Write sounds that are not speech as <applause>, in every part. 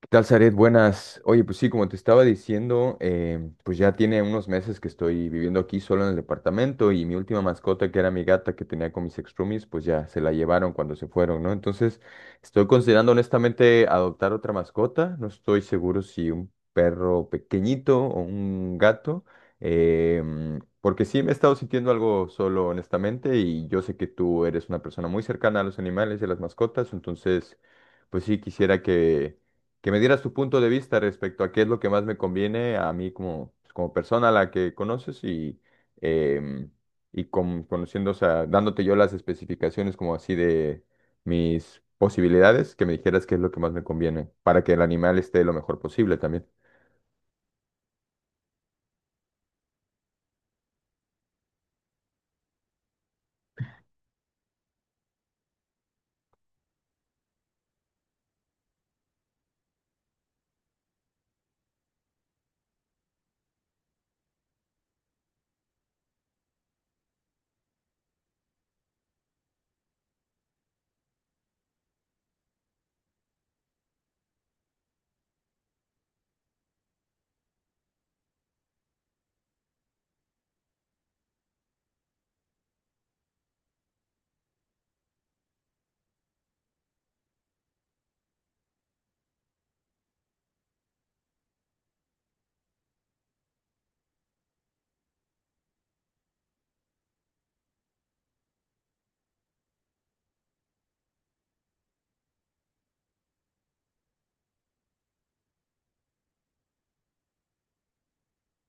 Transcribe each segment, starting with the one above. ¿Qué tal, Zaret? Buenas. Oye, pues sí, como te estaba diciendo, pues ya tiene unos meses que estoy viviendo aquí solo en el departamento y mi última mascota, que era mi gata que tenía con mis extrumis, pues ya se la llevaron cuando se fueron, ¿no? Entonces, estoy considerando honestamente adoptar otra mascota. No estoy seguro si un perro pequeñito o un gato, porque sí me he estado sintiendo algo solo, honestamente, y yo sé que tú eres una persona muy cercana a los animales y a las mascotas, entonces, pues sí quisiera que me dieras tu punto de vista respecto a qué es lo que más me conviene a mí como, pues, como persona a la que conoces em, y conociendo, o sea, dándote yo las especificaciones como así de mis posibilidades, que me dijeras qué es lo que más me conviene para que el animal esté lo mejor posible también.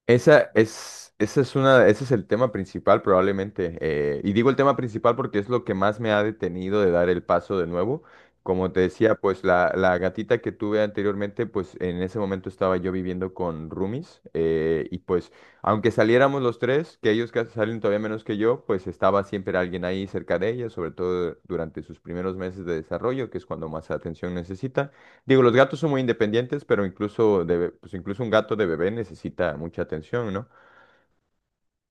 Ese es el tema principal probablemente. Y digo el tema principal porque es lo que más me ha detenido de dar el paso de nuevo. Como te decía, pues la gatita que tuve anteriormente, pues en ese momento estaba yo viviendo con roomies. Y pues aunque saliéramos los tres, que ellos casi salen todavía menos que yo, pues estaba siempre alguien ahí cerca de ella, sobre todo durante sus primeros meses de desarrollo, que es cuando más atención necesita. Digo, los gatos son muy independientes, pero incluso, pues incluso un gato de bebé necesita mucha atención, ¿no?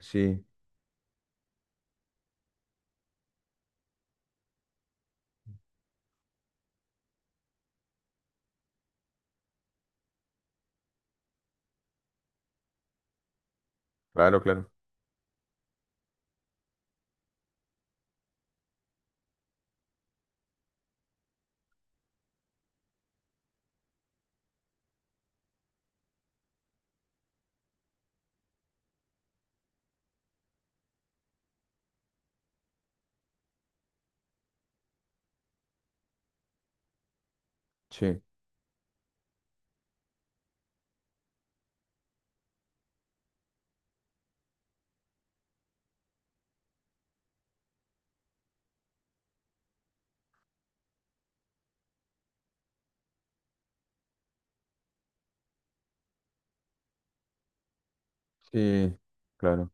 Sí, claro, claro. Sí, sí, claro,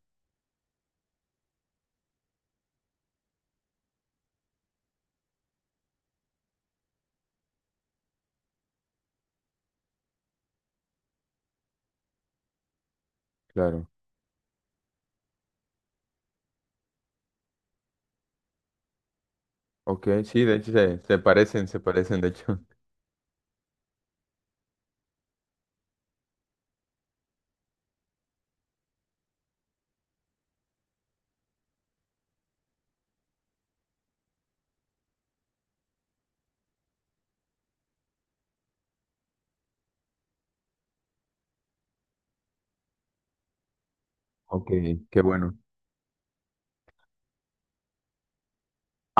claro. Ok, sí, de hecho se parecen, se parecen, de hecho. <laughs> Ok, qué bueno.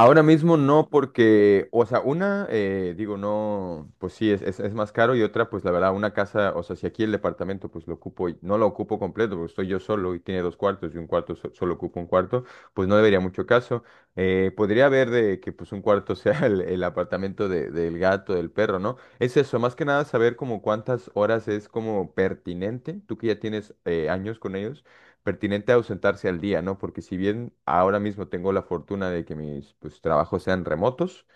Ahora mismo no, porque, o sea, digo, no, pues sí, es más caro y otra, pues la verdad, una casa, o sea, si aquí el departamento, pues lo ocupo, no lo ocupo completo, porque estoy yo solo y tiene dos cuartos y un cuarto, solo ocupo un cuarto, pues no debería mucho caso. Podría haber de que pues un cuarto <laughs> sea el apartamento del gato, del perro, ¿no? Es eso, más que nada saber como cuántas horas es como pertinente, tú que ya tienes años con ellos pertinente ausentarse al día, ¿no? Porque si bien ahora mismo tengo la fortuna de que mis pues, trabajos sean remotos,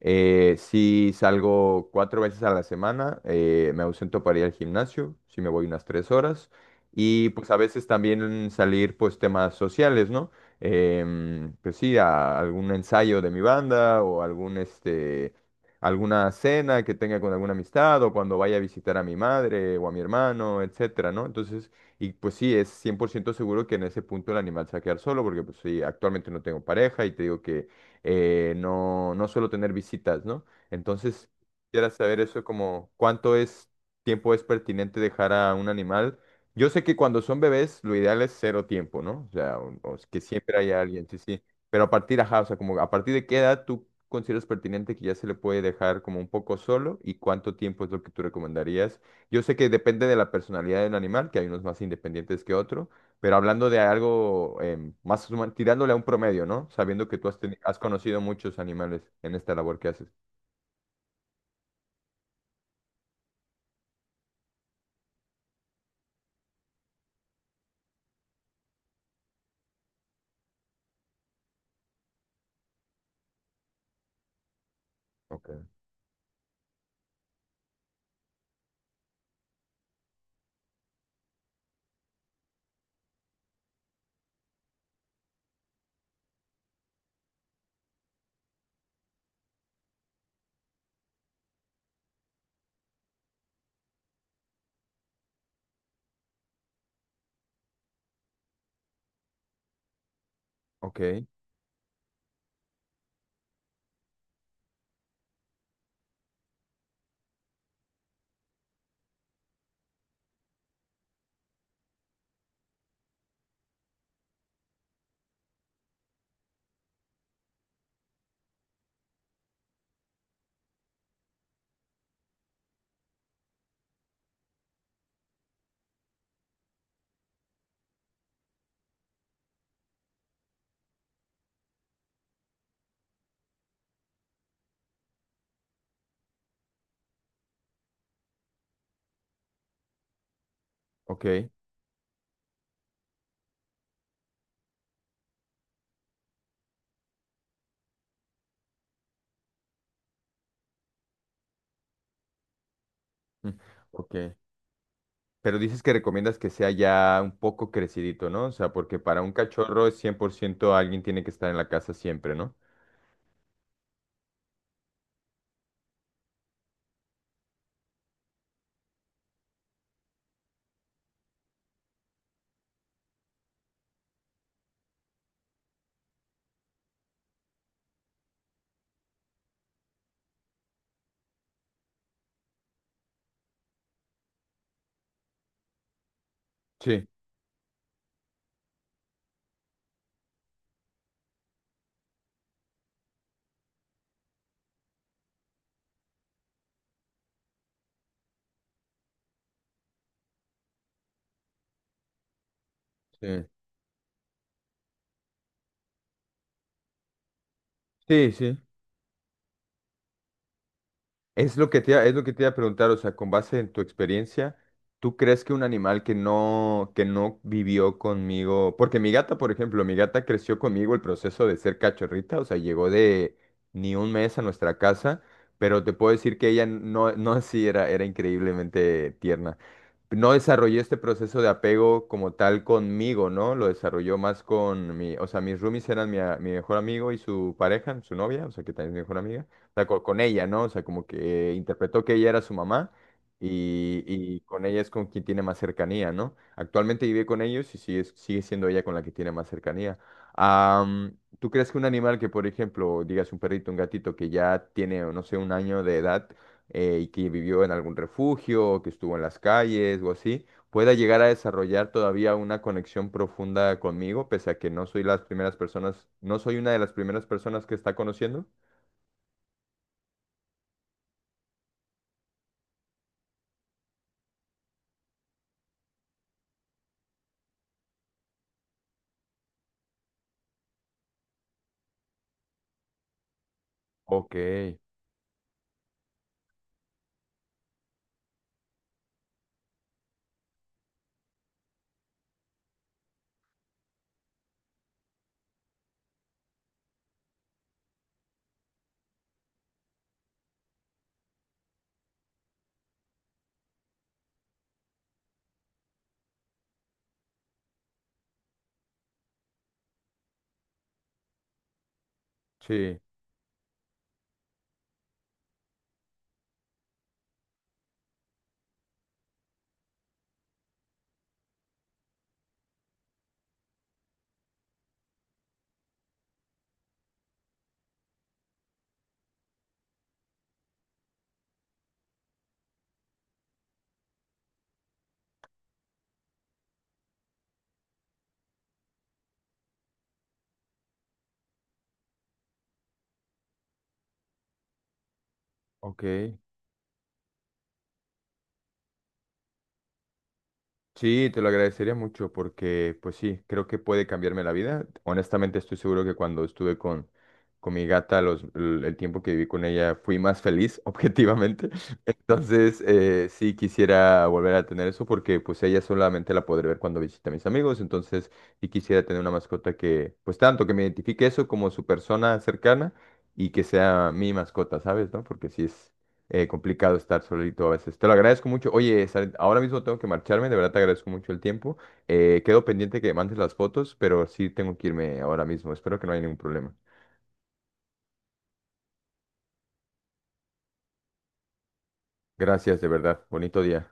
si salgo 4 veces a la semana, me ausento para ir al gimnasio, si me voy unas 3 horas, y pues a veces también salir pues temas sociales, ¿no? Pues sí, a algún ensayo de mi banda o algún alguna cena que tenga con alguna amistad o cuando vaya a visitar a mi madre o a mi hermano, etcétera, ¿no? Entonces, y pues sí, es 100% seguro que en ese punto el animal se va a quedar solo, porque pues sí, actualmente no tengo pareja y te digo que no, no suelo tener visitas, ¿no? Entonces, quisiera saber eso como cuánto es tiempo es pertinente dejar a un animal. Yo sé que cuando son bebés lo ideal es cero tiempo, ¿no? O sea, o que siempre haya alguien, sí, sí. Pero a partir, ajá, o sea, como a partir de qué edad tú consideras pertinente que ya se le puede dejar como un poco solo y cuánto tiempo es lo que tú recomendarías yo sé que depende de la personalidad del animal, que hay unos más independientes que otros, pero hablando de algo más tirándole a un promedio, ¿no? Sabiendo que tú has conocido muchos animales en esta labor que haces. Ok, ok, ok, mm, ok. Pero dices que recomiendas que sea ya un poco crecidito, ¿no? O sea, porque para un cachorro es 100% alguien tiene que estar en la casa siempre, ¿no? Sí, sí. Sí, sí. Es lo que es lo que te iba a preguntar, o sea, con base en tu experiencia, ¿tú crees que un animal que no vivió conmigo, porque mi gata, por ejemplo, mi gata creció conmigo el proceso de ser cachorrita, o sea, llegó de ni un mes a nuestra casa, pero te puedo decir que ella no, no <laughs> así era, era increíblemente tierna no desarrollé este proceso de apego como tal conmigo, ¿no? Lo desarrolló más con mi, o sea, mis roomies eran mi mejor amigo y su pareja, su novia, o sea, que también es mi mejor amiga, o sea, con, ella, ¿no? O sea, como que interpretó que ella era su mamá y con ella es con quien tiene más cercanía, ¿no? Actualmente vive con ellos y sigue siendo ella con la que tiene más cercanía. ¿Tú crees que un animal que, por ejemplo, digas un perrito, un gatito que ya tiene, no sé, un año de edad, y que vivió en algún refugio, o que estuvo en las calles o así, pueda llegar a desarrollar todavía una conexión profunda conmigo, pese a que no soy las primeras personas, no soy una de las primeras personas que está conociendo. Ok. Sí. Ok. Sí, te lo agradecería mucho porque, pues sí, creo que puede cambiarme la vida. Honestamente, estoy seguro que cuando estuve con mi gata, el tiempo que viví con ella, fui más feliz, <laughs> objetivamente. Entonces, sí quisiera volver a tener eso porque, pues, ella solamente la podré ver cuando visite a mis amigos. Entonces, y quisiera tener una mascota que, pues, tanto que me identifique eso como su persona cercana y que sea mi mascota, ¿sabes? ¿No? Porque sí es complicado estar solito a veces. Te lo agradezco mucho. Oye, Saret, ahora mismo tengo que marcharme, de verdad te agradezco mucho el tiempo. Quedo pendiente que me mandes las fotos, pero sí tengo que irme ahora mismo. Espero que no haya ningún problema. Gracias, de verdad. Bonito día.